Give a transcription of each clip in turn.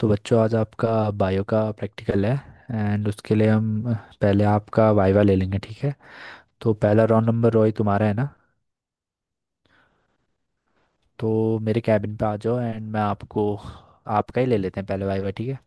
तो बच्चों आज आपका बायो का प्रैक्टिकल है। एंड उसके लिए हम पहले आपका वाइवा ले लेंगे, ठीक है। तो पहला राउंड नंबर रोई तुम्हारा है ना। तो मेरे कैबिन पे आ जाओ एंड मैं आपको आपका ही ले लेते हैं पहले वाइवा, ठीक है।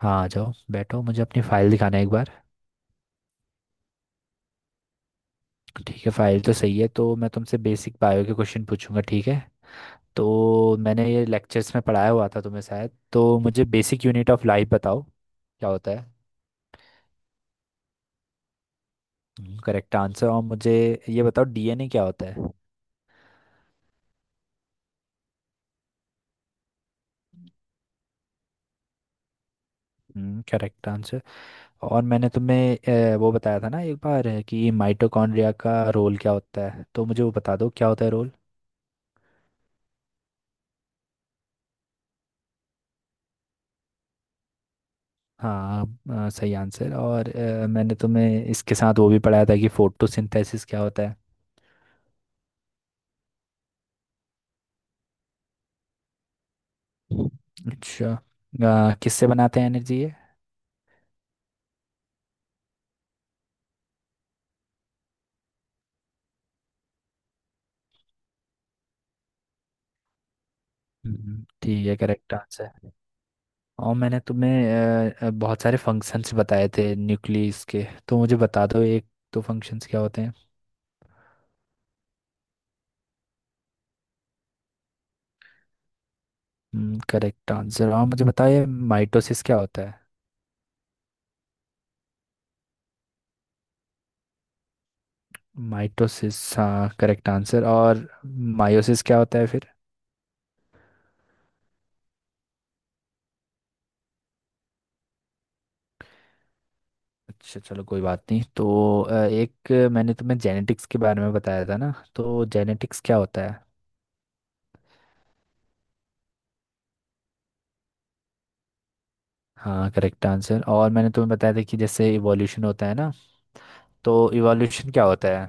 हाँ आ जाओ बैठो, मुझे अपनी फाइल दिखाना है एक बार। ठीक है, फाइल तो सही है। तो मैं तुमसे बेसिक बायो के क्वेश्चन पूछूंगा, ठीक है। तो मैंने ये लेक्चर्स में पढ़ाया हुआ था तुम्हें शायद, तो मुझे बेसिक यूनिट ऑफ लाइफ बताओ क्या होता है। Correct answer. और मुझे ये बताओ डीएनए क्या होता है। हम्म, करेक्ट आंसर। और मैंने तुम्हें वो बताया था ना एक बार कि माइटोकॉन्ड्रिया का रोल क्या होता है, तो मुझे वो बता दो क्या होता है रोल। हाँ सही आंसर। और मैंने तुम्हें इसके साथ वो भी पढ़ाया था कि फोटोसिंथेसिस क्या होता है। अच्छा, किससे बनाते हैं एनर्जी ये। ठीक है, करेक्ट आंसर। और मैंने तुम्हें बहुत सारे फंक्शंस बताए थे न्यूक्लियस के, तो मुझे बता दो एक, तो फंक्शंस क्या होते हैं। Correct answer. और मुझे बताइए माइटोसिस क्या होता है। माइटोसिस हाँ, करेक्ट आंसर। और मायोसिस क्या होता है फिर। अच्छा चलो कोई बात नहीं। तो एक मैंने तुम्हें जेनेटिक्स के बारे में बताया था ना, तो जेनेटिक्स क्या होता है। हाँ करेक्ट आंसर। और मैंने तुम्हें बताया था कि जैसे इवोल्यूशन होता है ना, तो इवोल्यूशन क्या होता है।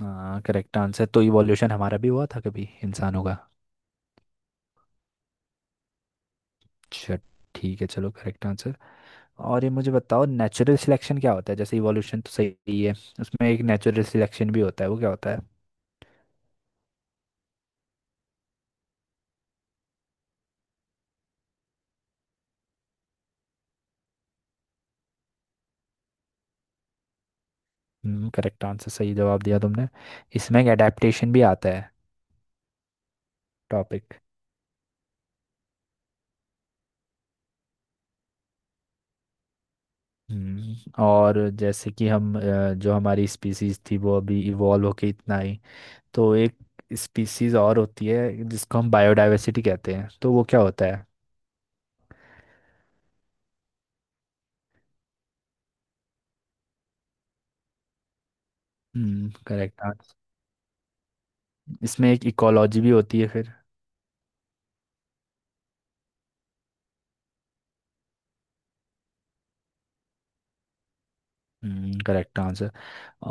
हाँ करेक्ट आंसर। तो इवोल्यूशन हमारा भी हुआ था कभी इंसानों का। अच्छा, ठीक है चलो, करेक्ट आंसर। और ये मुझे बताओ नेचुरल सिलेक्शन क्या होता है, जैसे इवोल्यूशन तो सही ही है, उसमें एक नेचुरल सिलेक्शन भी होता है, वो क्या होता है। हम्म, करेक्ट आंसर, सही जवाब दिया तुमने। इसमें एक अडेप्टेशन भी आता है टॉपिक। हम्म। और जैसे कि हम जो हमारी स्पीसीज थी वो अभी इवॉल्व होके इतना आई, तो एक स्पीसीज और होती है जिसको हम बायोडायवर्सिटी कहते हैं, तो वो क्या होता है। Correct answer. इसमें एक इकोलॉजी भी होती है फिर। Correct answer.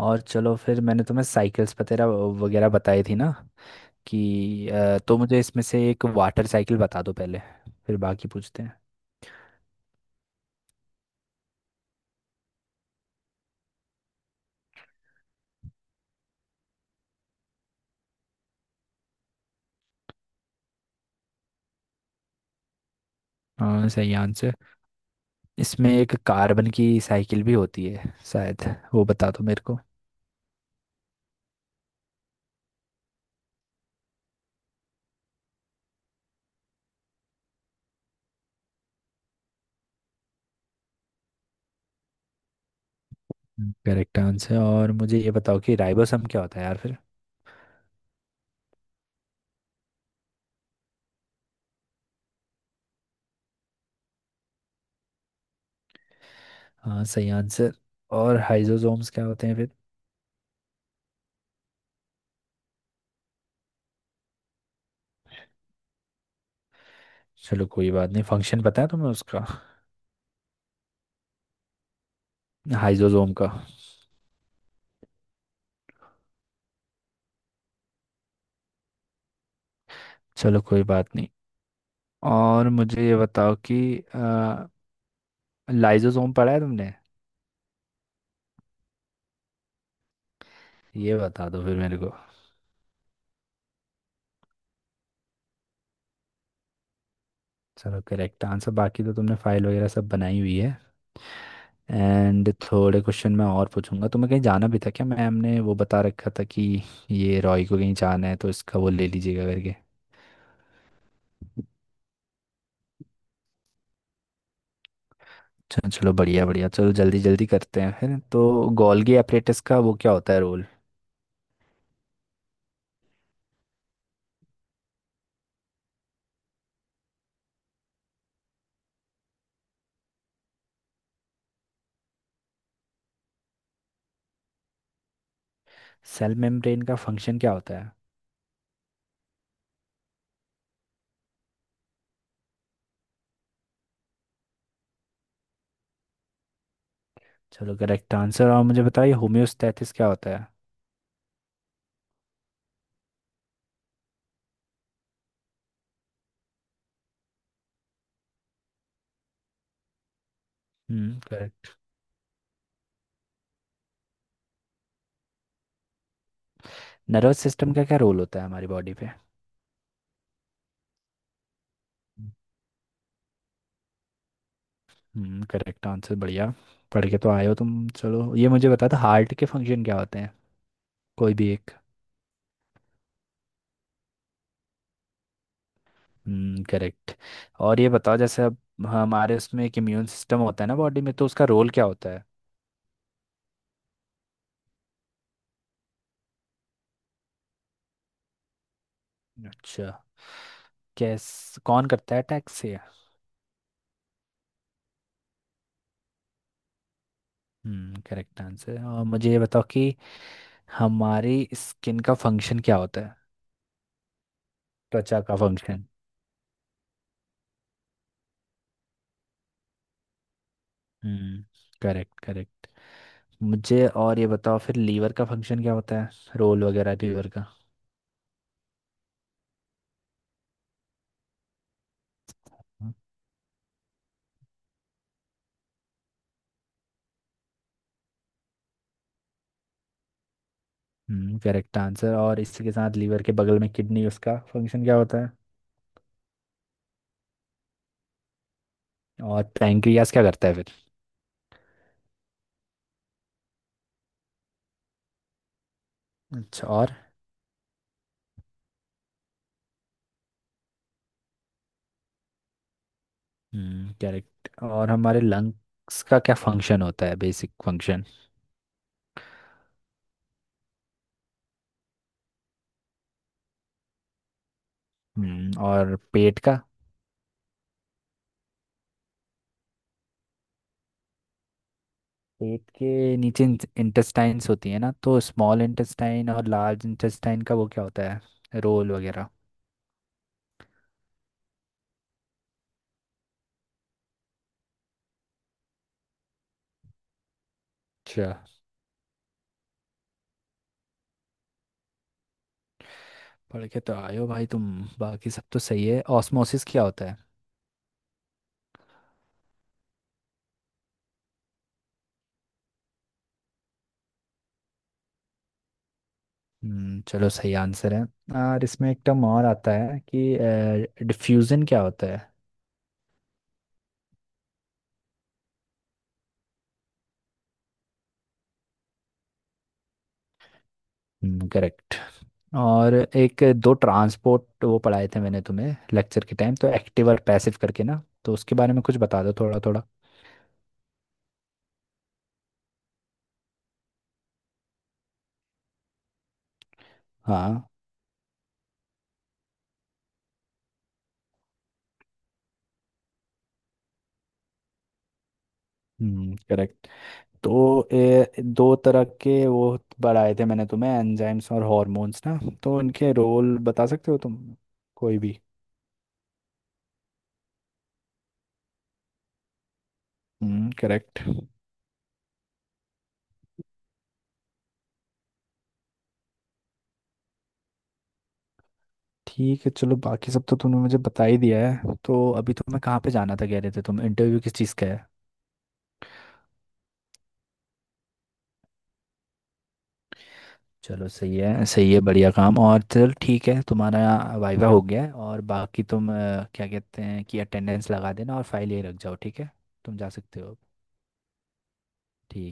और चलो फिर मैंने तुम्हें साइकिल्स वगैरह वगैरह बताई थी ना कि तो मुझे इसमें से एक वाटर साइकिल बता दो पहले, फिर बाकी पूछते हैं। हाँ सही आंसर। इसमें एक कार्बन की साइकिल भी होती है शायद, वो बता दो मेरे को। Correct answer. और मुझे ये बताओ कि राइबोसम क्या होता है यार फिर। हाँ सही आंसर। और हाइजोसोम्स क्या होते हैं फिर। चलो कोई बात नहीं, फंक्शन पता है तुम्हें उसका। हाइजोसोम का। चलो कोई बात नहीं। और मुझे ये बताओ कि आ, लाइजोसोम पढ़ा है तुमने, ये बता दो फिर मेरे को। चलो करेक्ट आंसर। बाकी तो तुमने फाइल वगैरह सब बनाई हुई है। एंड थोड़े क्वेश्चन मैं और पूछूंगा तुम्हें। कहीं जाना भी था क्या, मैम ने वो बता रखा था कि ये रॉय को कहीं जाना है तो इसका वो ले लीजिएगा करके। चलो चलो, बढ़िया बढ़िया, चलो जल्दी जल्दी करते हैं फिर तो। गोल्गी एपरेटस का वो क्या होता है रोल। सेल मेम्ब्रेन का फंक्शन क्या होता है। चलो करेक्ट आंसर। और मुझे बताइए होम्योस्टैसिस क्या होता है। करेक्ट। नर्वस सिस्टम का क्या रोल होता है हमारी बॉडी पे। करेक्ट आंसर, बढ़िया। पढ़ के तो आए हो तुम। चलो ये मुझे बता दो हार्ट के फंक्शन क्या होते हैं, कोई भी एक। करेक्ट। और ये बताओ जैसे अब हमारे उसमें एक इम्यून सिस्टम होता है ना बॉडी में, तो उसका रोल क्या होता है। अच्छा, कैस कौन करता है अटैक से। Correct answer. और मुझे ये बताओ कि हमारी स्किन का फंक्शन क्या होता है, त्वचा का फंक्शन। हम्म, करेक्ट करेक्ट। मुझे और ये बताओ फिर लीवर का फंक्शन क्या होता है, रोल वगैरह लीवर का। Correct answer. और इसी के साथ लीवर के बगल में किडनी, उसका फंक्शन क्या होता है। और पैंक्रियास क्या करता है फिर। अच्छा। और करेक्ट। और हमारे लंग्स का क्या फंक्शन होता है, बेसिक फंक्शन। हम्म। और पेट का। पेट के नीचे इंटेस्टाइन्स होती है ना, तो स्मॉल इंटेस्टाइन और लार्ज इंटेस्टाइन का वो क्या होता है रोल वगैरह। अच्छा, पढ़ के तो आयो भाई तुम। बाकी सब तो सही है, ऑस्मोसिस क्या होता है। चलो सही आंसर है। और इसमें एक टर्म और आता है कि डिफ्यूजन क्या होता है। करेक्ट। और एक दो ट्रांसपोर्ट वो पढ़ाए थे मैंने तुम्हें लेक्चर के टाइम, तो एक्टिव और पैसिव करके ना, तो उसके बारे में कुछ बता दो थोड़ा थोड़ा। हाँ करेक्ट। तो दो तरह के वो पढ़ाए थे मैंने तुम्हें, एंजाइम्स और हॉर्मोन्स ना, तो इनके रोल बता सकते हो तुम, कोई भी। करेक्ट। ठीक है चलो, बाकी सब तो तूने मुझे बता ही दिया है। तो अभी तुम्हें कहाँ पे जाना था कह रहे थे तुम, इंटरव्यू किस चीज़ का है। चलो सही है सही है, बढ़िया काम। और चल ठीक है, तुम्हारा वाइवा हो गया है। और बाकी तुम क्या कहते हैं कि अटेंडेंस लगा देना और फाइल ये रख जाओ, ठीक है। तुम जा सकते हो अब। ठीक।